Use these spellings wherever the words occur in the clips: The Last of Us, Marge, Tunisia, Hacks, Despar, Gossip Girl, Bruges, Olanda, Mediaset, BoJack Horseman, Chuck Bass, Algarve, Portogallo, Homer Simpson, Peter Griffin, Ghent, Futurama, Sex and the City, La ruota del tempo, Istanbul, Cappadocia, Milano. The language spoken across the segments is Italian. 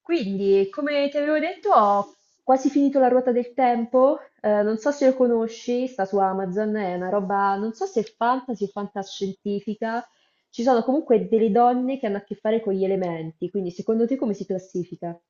Quindi, come ti avevo detto, ho quasi finito La ruota del tempo. Non so se lo conosci, sta su Amazon, è una roba, non so se è fantasy o fantascientifica. Ci sono comunque delle donne che hanno a che fare con gli elementi, quindi secondo te come si classifica?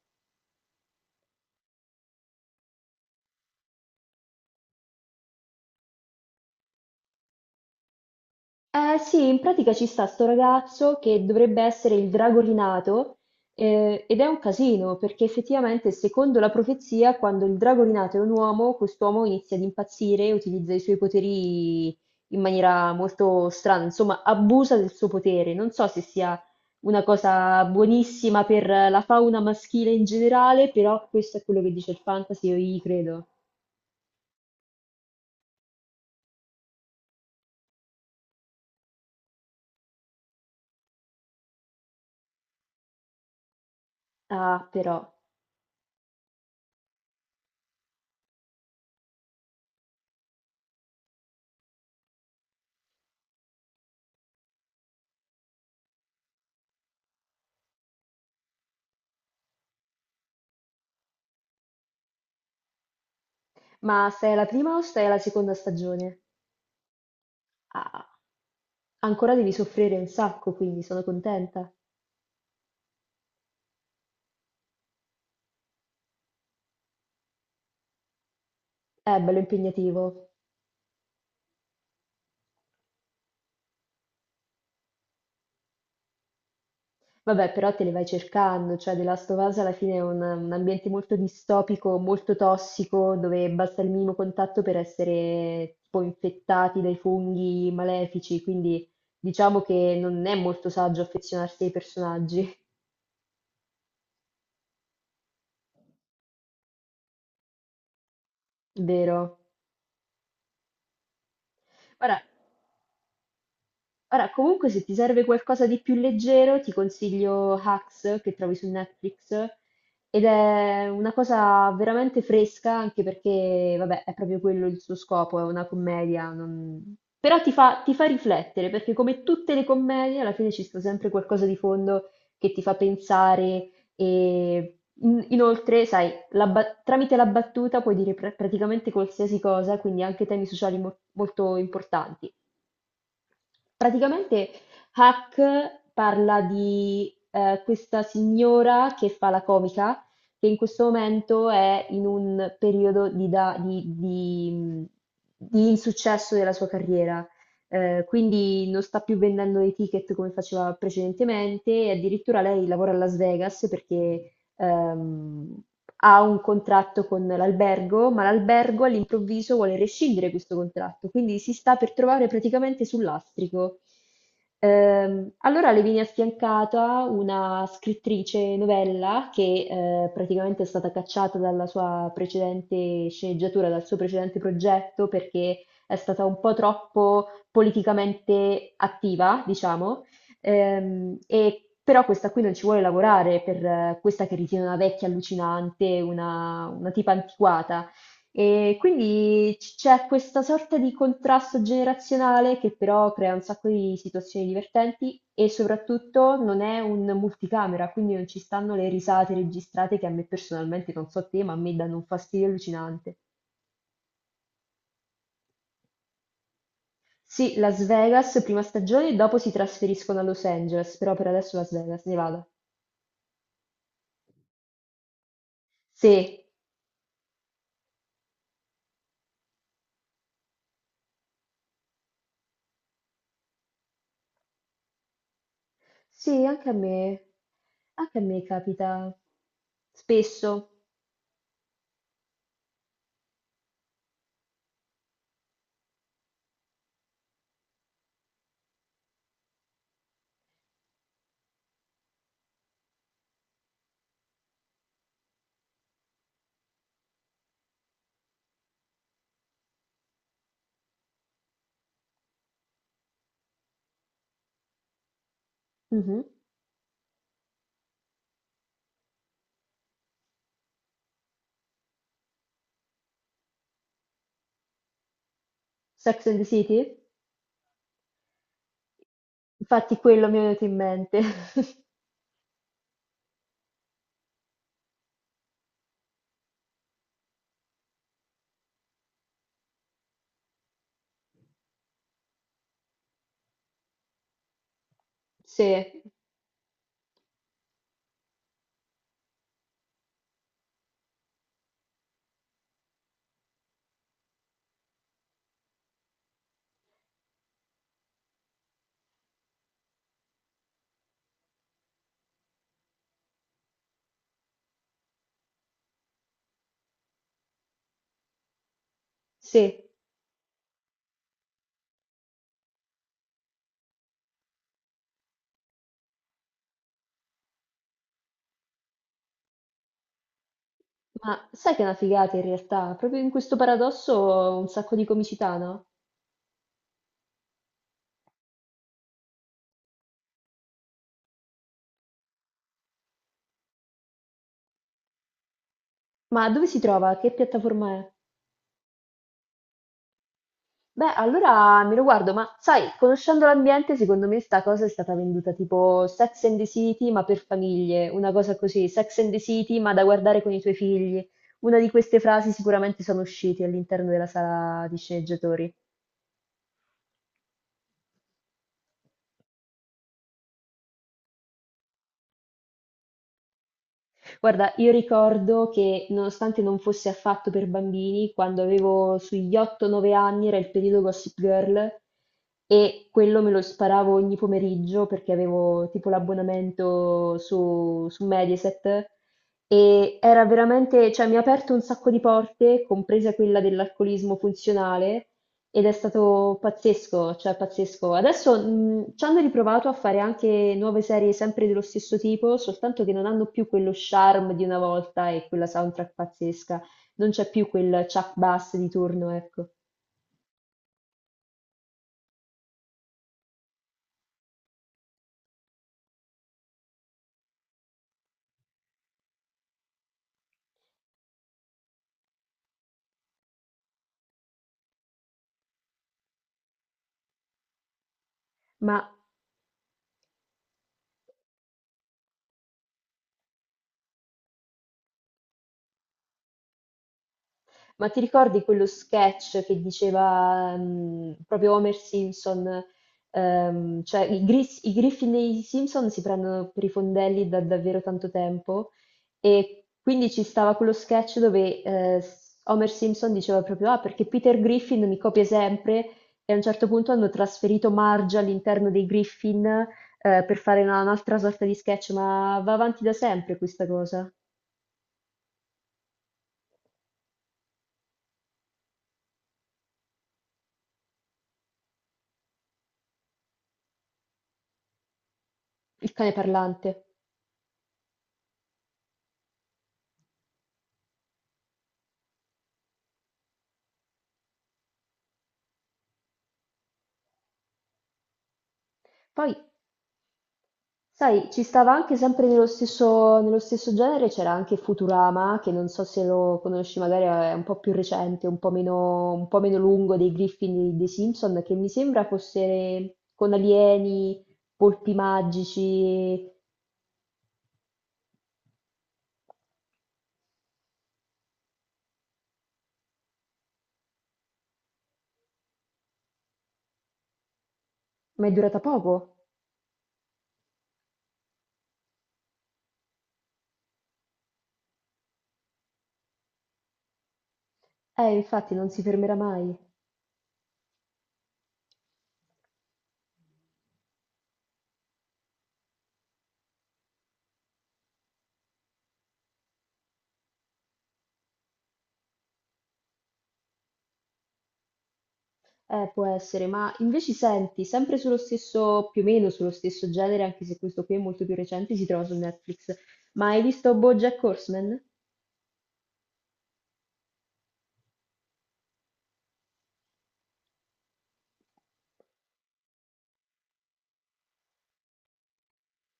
Eh sì, in pratica ci sta sto ragazzo che dovrebbe essere il drago rinato, ed è un casino perché effettivamente secondo la profezia quando il drago rinato è un uomo, quest'uomo inizia ad impazzire e utilizza i suoi poteri in maniera molto strana, insomma abusa del suo potere. Non so se sia una cosa buonissima per la fauna maschile in generale, però questo è quello che dice il fantasy, io gli credo. Ah, però. Ma stai alla prima o stai alla seconda stagione? Ah, ancora devi soffrire un sacco, quindi sono contenta. È bello impegnativo. Vabbè, però te le vai cercando, cioè The Last of Us alla fine è un ambiente molto distopico, molto tossico, dove basta il minimo contatto per essere tipo infettati dai funghi malefici, quindi diciamo che non è molto saggio affezionarsi ai personaggi. Vero? Ora, Ora, comunque, se ti serve qualcosa di più leggero, ti consiglio Hacks che trovi su Netflix ed è una cosa veramente fresca, anche perché, vabbè, è proprio quello il suo scopo, è una commedia. Però ti fa riflettere, perché come tutte le commedie, alla fine ci sta sempre qualcosa di fondo che ti fa pensare e inoltre, sai, tramite la battuta puoi dire praticamente qualsiasi cosa, quindi anche temi sociali molto importanti. Praticamente Hack parla di questa signora che fa la comica, che in questo momento è in un periodo di, da- di insuccesso della sua carriera. Quindi non sta più vendendo i ticket come faceva precedentemente e addirittura lei lavora a Las Vegas perché ehm, ha un contratto con l'albergo, ma l'albergo all'improvviso vuole rescindere questo contratto, quindi si sta per trovare praticamente sul lastrico. Allora le viene affiancata una scrittrice novella che, praticamente è stata cacciata dalla sua precedente sceneggiatura, dal suo precedente progetto perché è stata un po' troppo politicamente attiva, diciamo. Però questa qui non ci vuole lavorare per, questa che ritiene una vecchia allucinante, una tipa antiquata. E quindi c'è questa sorta di contrasto generazionale che però crea un sacco di situazioni divertenti e soprattutto non è un multicamera, quindi non ci stanno le risate registrate che a me personalmente, non so te, ma a me danno un fastidio allucinante. Sì, Las Vegas, prima stagione, dopo si trasferiscono a Los Angeles, però per adesso Las Vegas, Nevada. Sì. Sì, anche a me, Anche a me capita spesso. Mhm. Sex and the City? Infatti quello mi è venuto in mente. Sì, sì, ma sai che è una figata in realtà? Proprio in questo paradosso un sacco di comicità, no? Ma dove si trova? Che piattaforma è? Beh, allora me lo guardo, ma sai, conoscendo l'ambiente, secondo me sta cosa è stata venduta tipo Sex and the City, ma per famiglie, una cosa così, Sex and the City, ma da guardare con i tuoi figli. Una di queste frasi sicuramente sono uscite all'interno della sala di sceneggiatori. Guarda, io ricordo che nonostante non fosse affatto per bambini, quando avevo sugli 8-9 anni era il periodo Gossip Girl e quello me lo sparavo ogni pomeriggio perché avevo tipo l'abbonamento su Mediaset e era veramente, cioè mi ha aperto un sacco di porte, compresa quella dell'alcolismo funzionale ed è stato pazzesco, cioè pazzesco. Adesso ci hanno riprovato a fare anche nuove serie sempre dello stesso tipo, soltanto che non hanno più quello charm di una volta e quella soundtrack pazzesca. Non c'è più quel Chuck Bass di turno, ecco. Ma Ma ti ricordi quello sketch che diceva proprio Homer Simpson? Cioè i Griffin e i Simpson si prendono per i fondelli da davvero tanto tempo e quindi ci stava quello sketch dove, Homer Simpson diceva proprio: ah, perché Peter Griffin mi copia sempre, e a un certo punto hanno trasferito Marge all'interno dei Griffin, per fare un'altra sorta di sketch, ma va avanti da sempre questa cosa, il cane parlante. Poi Sai, ci stava anche sempre nello stesso genere, c'era anche Futurama, che non so se lo conosci, magari è un po' più recente, un po' meno lungo dei Griffin e dei Simpson, che mi sembra fosse con alieni, polpi magici, ma è durata poco. Infatti non si fermerà mai. Può essere, ma invece senti, sempre sullo stesso, più o meno sullo stesso genere, anche se questo qui è molto più recente, si trova su Netflix. Ma hai visto BoJack Horseman?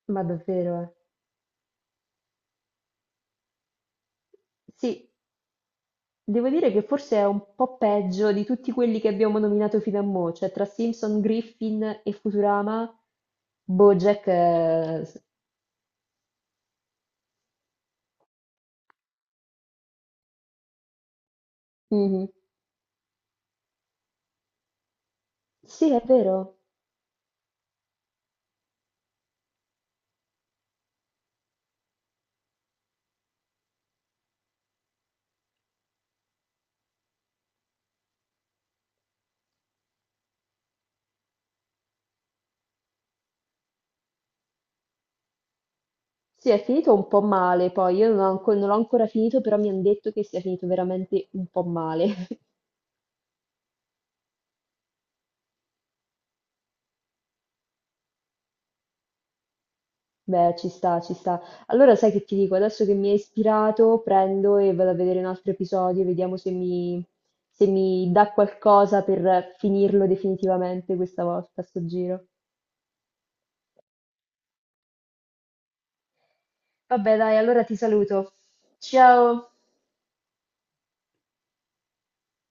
Ma davvero, eh. Sì, devo dire che forse è un po' peggio di tutti quelli che abbiamo nominato fino a mo', cioè tra Simpson, Griffin e Futurama, BoJack... eh, s- mhm. Sì, è vero. Sì, è finito un po' male, poi io non ho non l'ho ancora finito, però mi hanno detto che sia finito veramente un po' male. Beh, ci sta, ci sta. Allora sai che ti dico, adesso che mi hai ispirato, prendo e vado a vedere un altro episodio, vediamo se mi dà qualcosa per finirlo definitivamente questa volta, sto giro. Vabbè dai, allora ti saluto. Ciao!